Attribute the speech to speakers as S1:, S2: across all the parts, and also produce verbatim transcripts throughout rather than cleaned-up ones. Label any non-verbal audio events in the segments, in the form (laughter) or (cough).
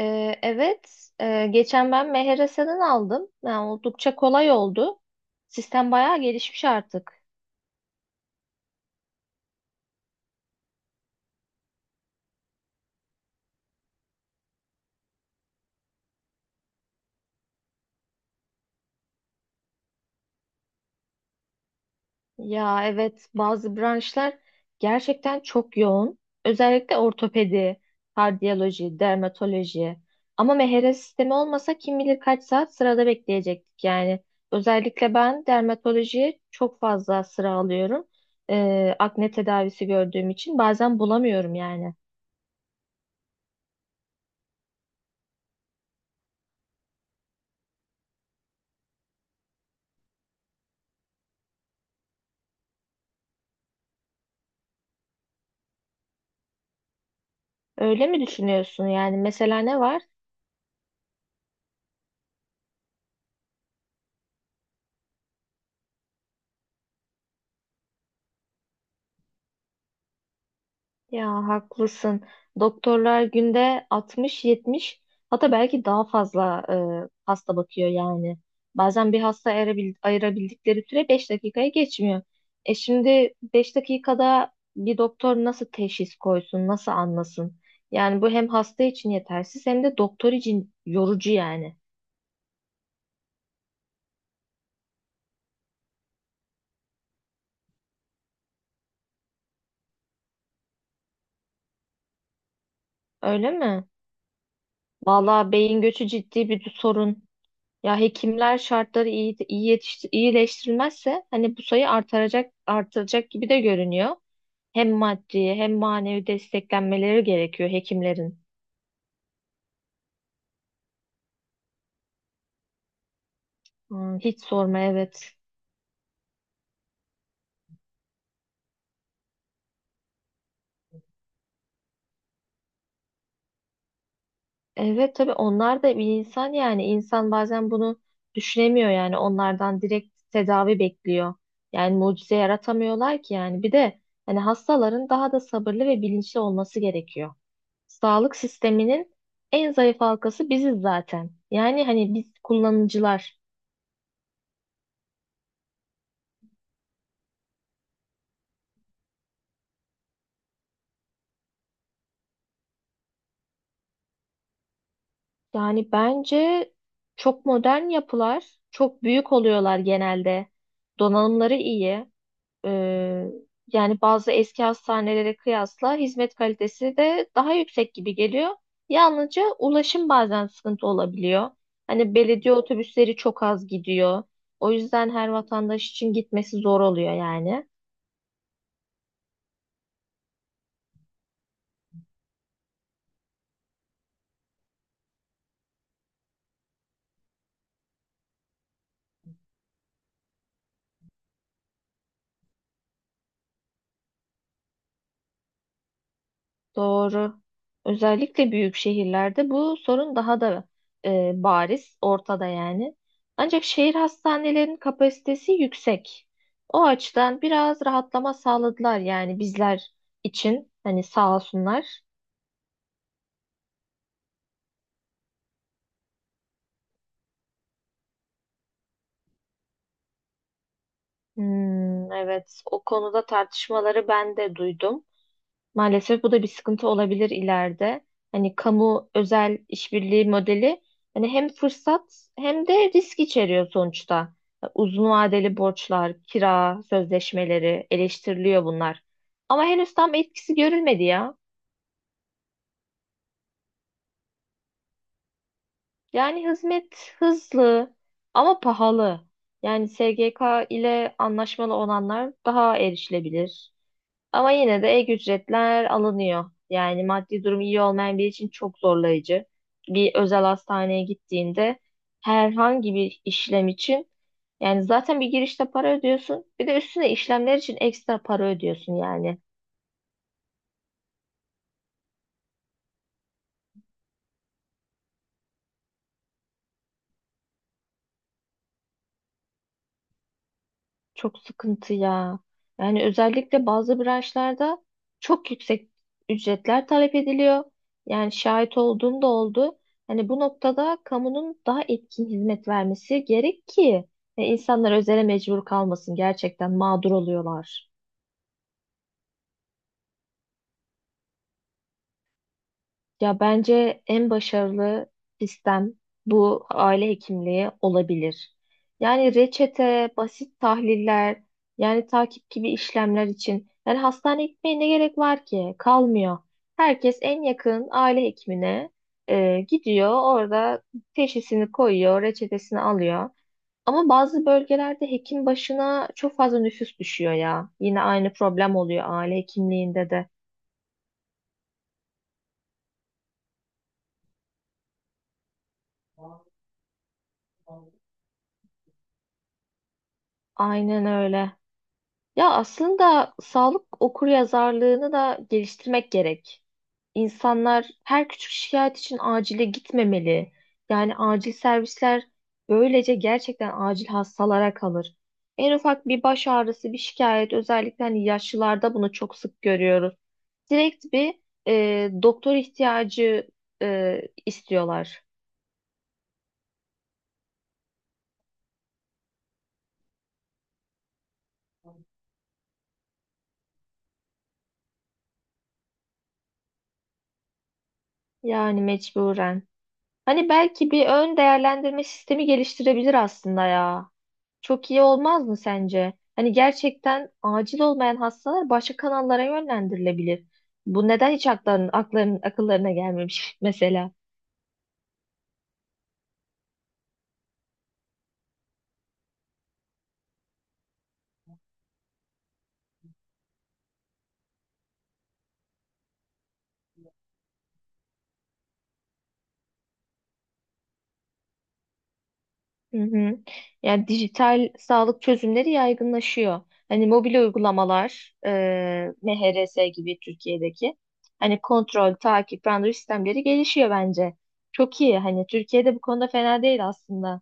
S1: Ee, evet, e, geçen ben M H R S'den aldım. Yani oldukça kolay oldu. Sistem bayağı gelişmiş artık. Ya evet, bazı branşlar gerçekten çok yoğun. Özellikle ortopedi, kardiyoloji, dermatoloji. Ama M H R S sistemi olmasa kim bilir kaç saat sırada bekleyecektik yani. Özellikle ben dermatolojiye çok fazla sıra alıyorum. Ee, akne tedavisi gördüğüm için bazen bulamıyorum yani. Öyle mi düşünüyorsun? Yani mesela ne var? Ya haklısın. Doktorlar günde altmış yetmiş, hatta belki daha fazla e, hasta bakıyor yani. Bazen bir hasta ayırabil- ayırabildikleri süre beş dakikaya geçmiyor. E şimdi beş dakikada bir doktor nasıl teşhis koysun, nasıl anlasın? Yani bu hem hasta için yetersiz hem de doktor için yorucu yani. Öyle mi? Vallahi beyin göçü ciddi bir sorun. Ya hekimler şartları iyi, iyi yetiş, iyileştirilmezse hani bu sayı artaracak artıracak gibi de görünüyor. Hem maddi hem manevi desteklenmeleri gerekiyor hekimlerin. Hmm, hiç sorma, evet. Evet, tabii onlar da bir insan, yani insan bazen bunu düşünemiyor, yani onlardan direkt tedavi bekliyor. Yani mucize yaratamıyorlar ki, yani bir de hani hastaların daha da sabırlı ve bilinçli olması gerekiyor. Sağlık sisteminin en zayıf halkası biziz zaten. Yani hani biz kullanıcılar. Yani bence çok modern yapılar, çok büyük oluyorlar genelde. Donanımları iyi. Ee, Yani bazı eski hastanelere kıyasla hizmet kalitesi de daha yüksek gibi geliyor. Yalnızca ulaşım bazen sıkıntı olabiliyor. Hani belediye otobüsleri çok az gidiyor. O yüzden her vatandaş için gitmesi zor oluyor yani. Doğru. Özellikle büyük şehirlerde bu sorun daha da e, bariz, ortada yani. Ancak şehir hastanelerinin kapasitesi yüksek. O açıdan biraz rahatlama sağladılar yani bizler için. Hani sağ olsunlar. Hmm, evet, o konuda tartışmaları ben de duydum. Maalesef bu da bir sıkıntı olabilir ileride. Hani kamu özel işbirliği modeli hani hem fırsat hem de risk içeriyor sonuçta. Uzun vadeli borçlar, kira sözleşmeleri eleştiriliyor bunlar. Ama henüz tam etkisi görülmedi ya. Yani hizmet hızlı ama pahalı. Yani S G K ile anlaşmalı olanlar daha erişilebilir. Ama yine de ek ücretler alınıyor. Yani maddi durum iyi olmayan biri için çok zorlayıcı. Bir özel hastaneye gittiğinde herhangi bir işlem için yani zaten bir girişte para ödüyorsun. Bir de üstüne işlemler için ekstra para ödüyorsun yani. Çok sıkıntı ya. Yani özellikle bazı branşlarda çok yüksek ücretler talep ediliyor. Yani şahit olduğum da oldu. Hani bu noktada kamunun daha etkin hizmet vermesi gerek ki e, insanlar özele mecbur kalmasın. Gerçekten mağdur oluyorlar. Ya bence en başarılı sistem bu aile hekimliği olabilir. Yani reçete, basit tahliller, yani takip gibi işlemler için. Yani hastaneye gitmeye ne gerek var ki? Kalmıyor. Herkes en yakın aile hekimine e, gidiyor. Orada teşhisini koyuyor, reçetesini alıyor. Ama bazı bölgelerde hekim başına çok fazla nüfus düşüyor ya. Yine aynı problem oluyor aile hekimliğinde de. Aynen öyle. Ya aslında sağlık okuryazarlığını da geliştirmek gerek. İnsanlar her küçük şikayet için acile gitmemeli. Yani acil servisler böylece gerçekten acil hastalara kalır. En ufak bir baş ağrısı, bir şikayet, özellikle hani yaşlılarda bunu çok sık görüyoruz. Direkt bir e, doktor ihtiyacı e, istiyorlar. Yani mecburen. Hani belki bir ön değerlendirme sistemi geliştirebilir aslında ya. Çok iyi olmaz mı sence? Hani gerçekten acil olmayan hastalar başka kanallara yönlendirilebilir. Bu neden hiç akların, akların, akıllarına gelmemiş (laughs) mesela? Hı hı. Yani dijital sağlık çözümleri yaygınlaşıyor. Hani mobil uygulamalar, e, M H R S gibi Türkiye'deki hani kontrol, takip, randevu sistemleri gelişiyor bence. Çok iyi. Hani Türkiye'de bu konuda fena değil aslında.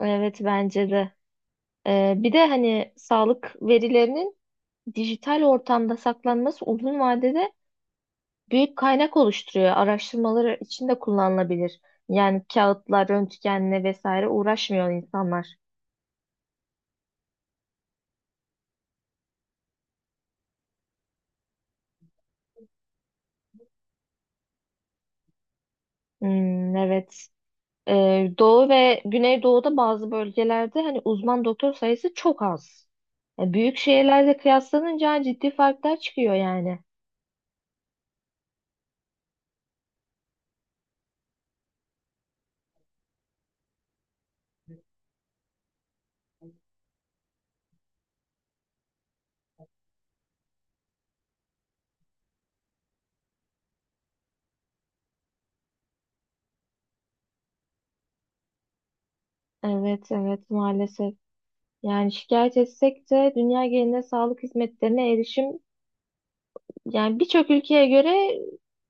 S1: Evet, bence de. E, bir de hani sağlık verilerinin dijital ortamda saklanması uzun vadede büyük kaynak oluşturuyor. Araştırmaları için de kullanılabilir. Yani kağıtlar, röntgenle vesaire uğraşmıyor insanlar. Hmm, evet. Ee, Doğu ve Güneydoğu'da bazı bölgelerde hani uzman doktor sayısı çok az. E, büyük şehirlerle kıyaslanınca ciddi farklar çıkıyor yani. Evet, evet, maalesef. Yani şikayet etsek de dünya genelinde sağlık hizmetlerine erişim, yani birçok ülkeye göre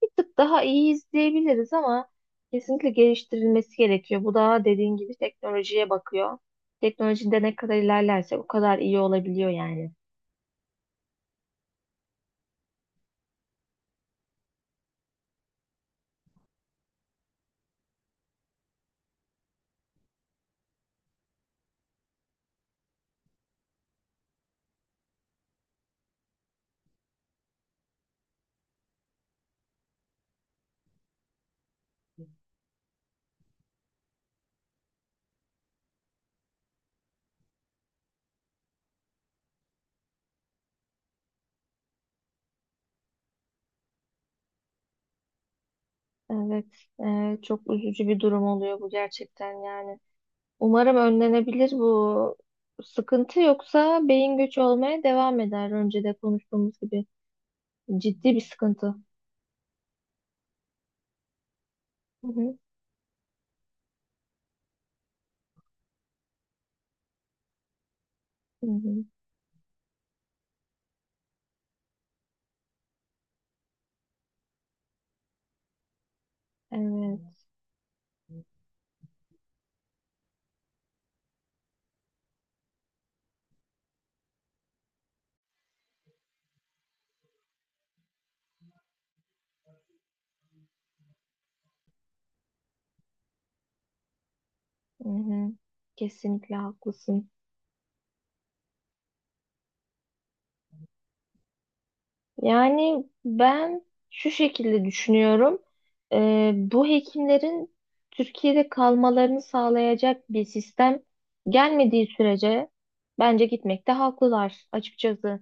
S1: bir tık daha iyi izleyebiliriz, ama kesinlikle geliştirilmesi gerekiyor. Bu da dediğin gibi teknolojiye bakıyor. Teknolojide ne kadar ilerlerse o kadar iyi olabiliyor yani. Evet, e, çok üzücü bir durum oluyor bu gerçekten yani. Umarım önlenebilir bu sıkıntı, yoksa beyin göçü olmaya devam eder. Önce de konuştuğumuz gibi ciddi bir sıkıntı. Hı hı, hı hı. Evet, hı hı. Kesinlikle haklısın. Yani ben şu şekilde düşünüyorum. E, bu hekimlerin Türkiye'de kalmalarını sağlayacak bir sistem gelmediği sürece bence gitmekte haklılar açıkçası.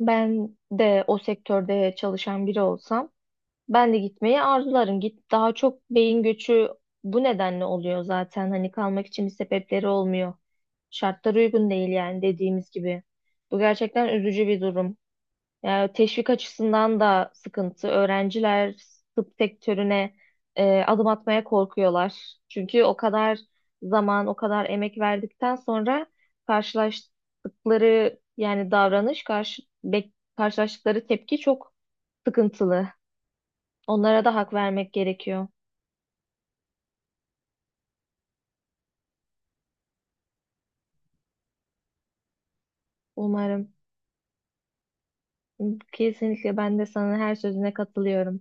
S1: Ben de o sektörde çalışan biri olsam ben de gitmeyi arzularım. Git daha çok beyin göçü bu nedenle oluyor zaten. Hani kalmak için bir sebepleri olmuyor. Şartlar uygun değil yani dediğimiz gibi. Bu gerçekten üzücü bir durum. Yani teşvik açısından da sıkıntı. Öğrenciler tıp sektörüne e, adım atmaya korkuyorlar. Çünkü o kadar zaman, o kadar emek verdikten sonra karşılaştıkları yani davranış, karşı, bek- karşılaştıkları tepki çok sıkıntılı. Onlara da hak vermek gerekiyor. Umarım. Kesinlikle ben de sana her sözüne katılıyorum.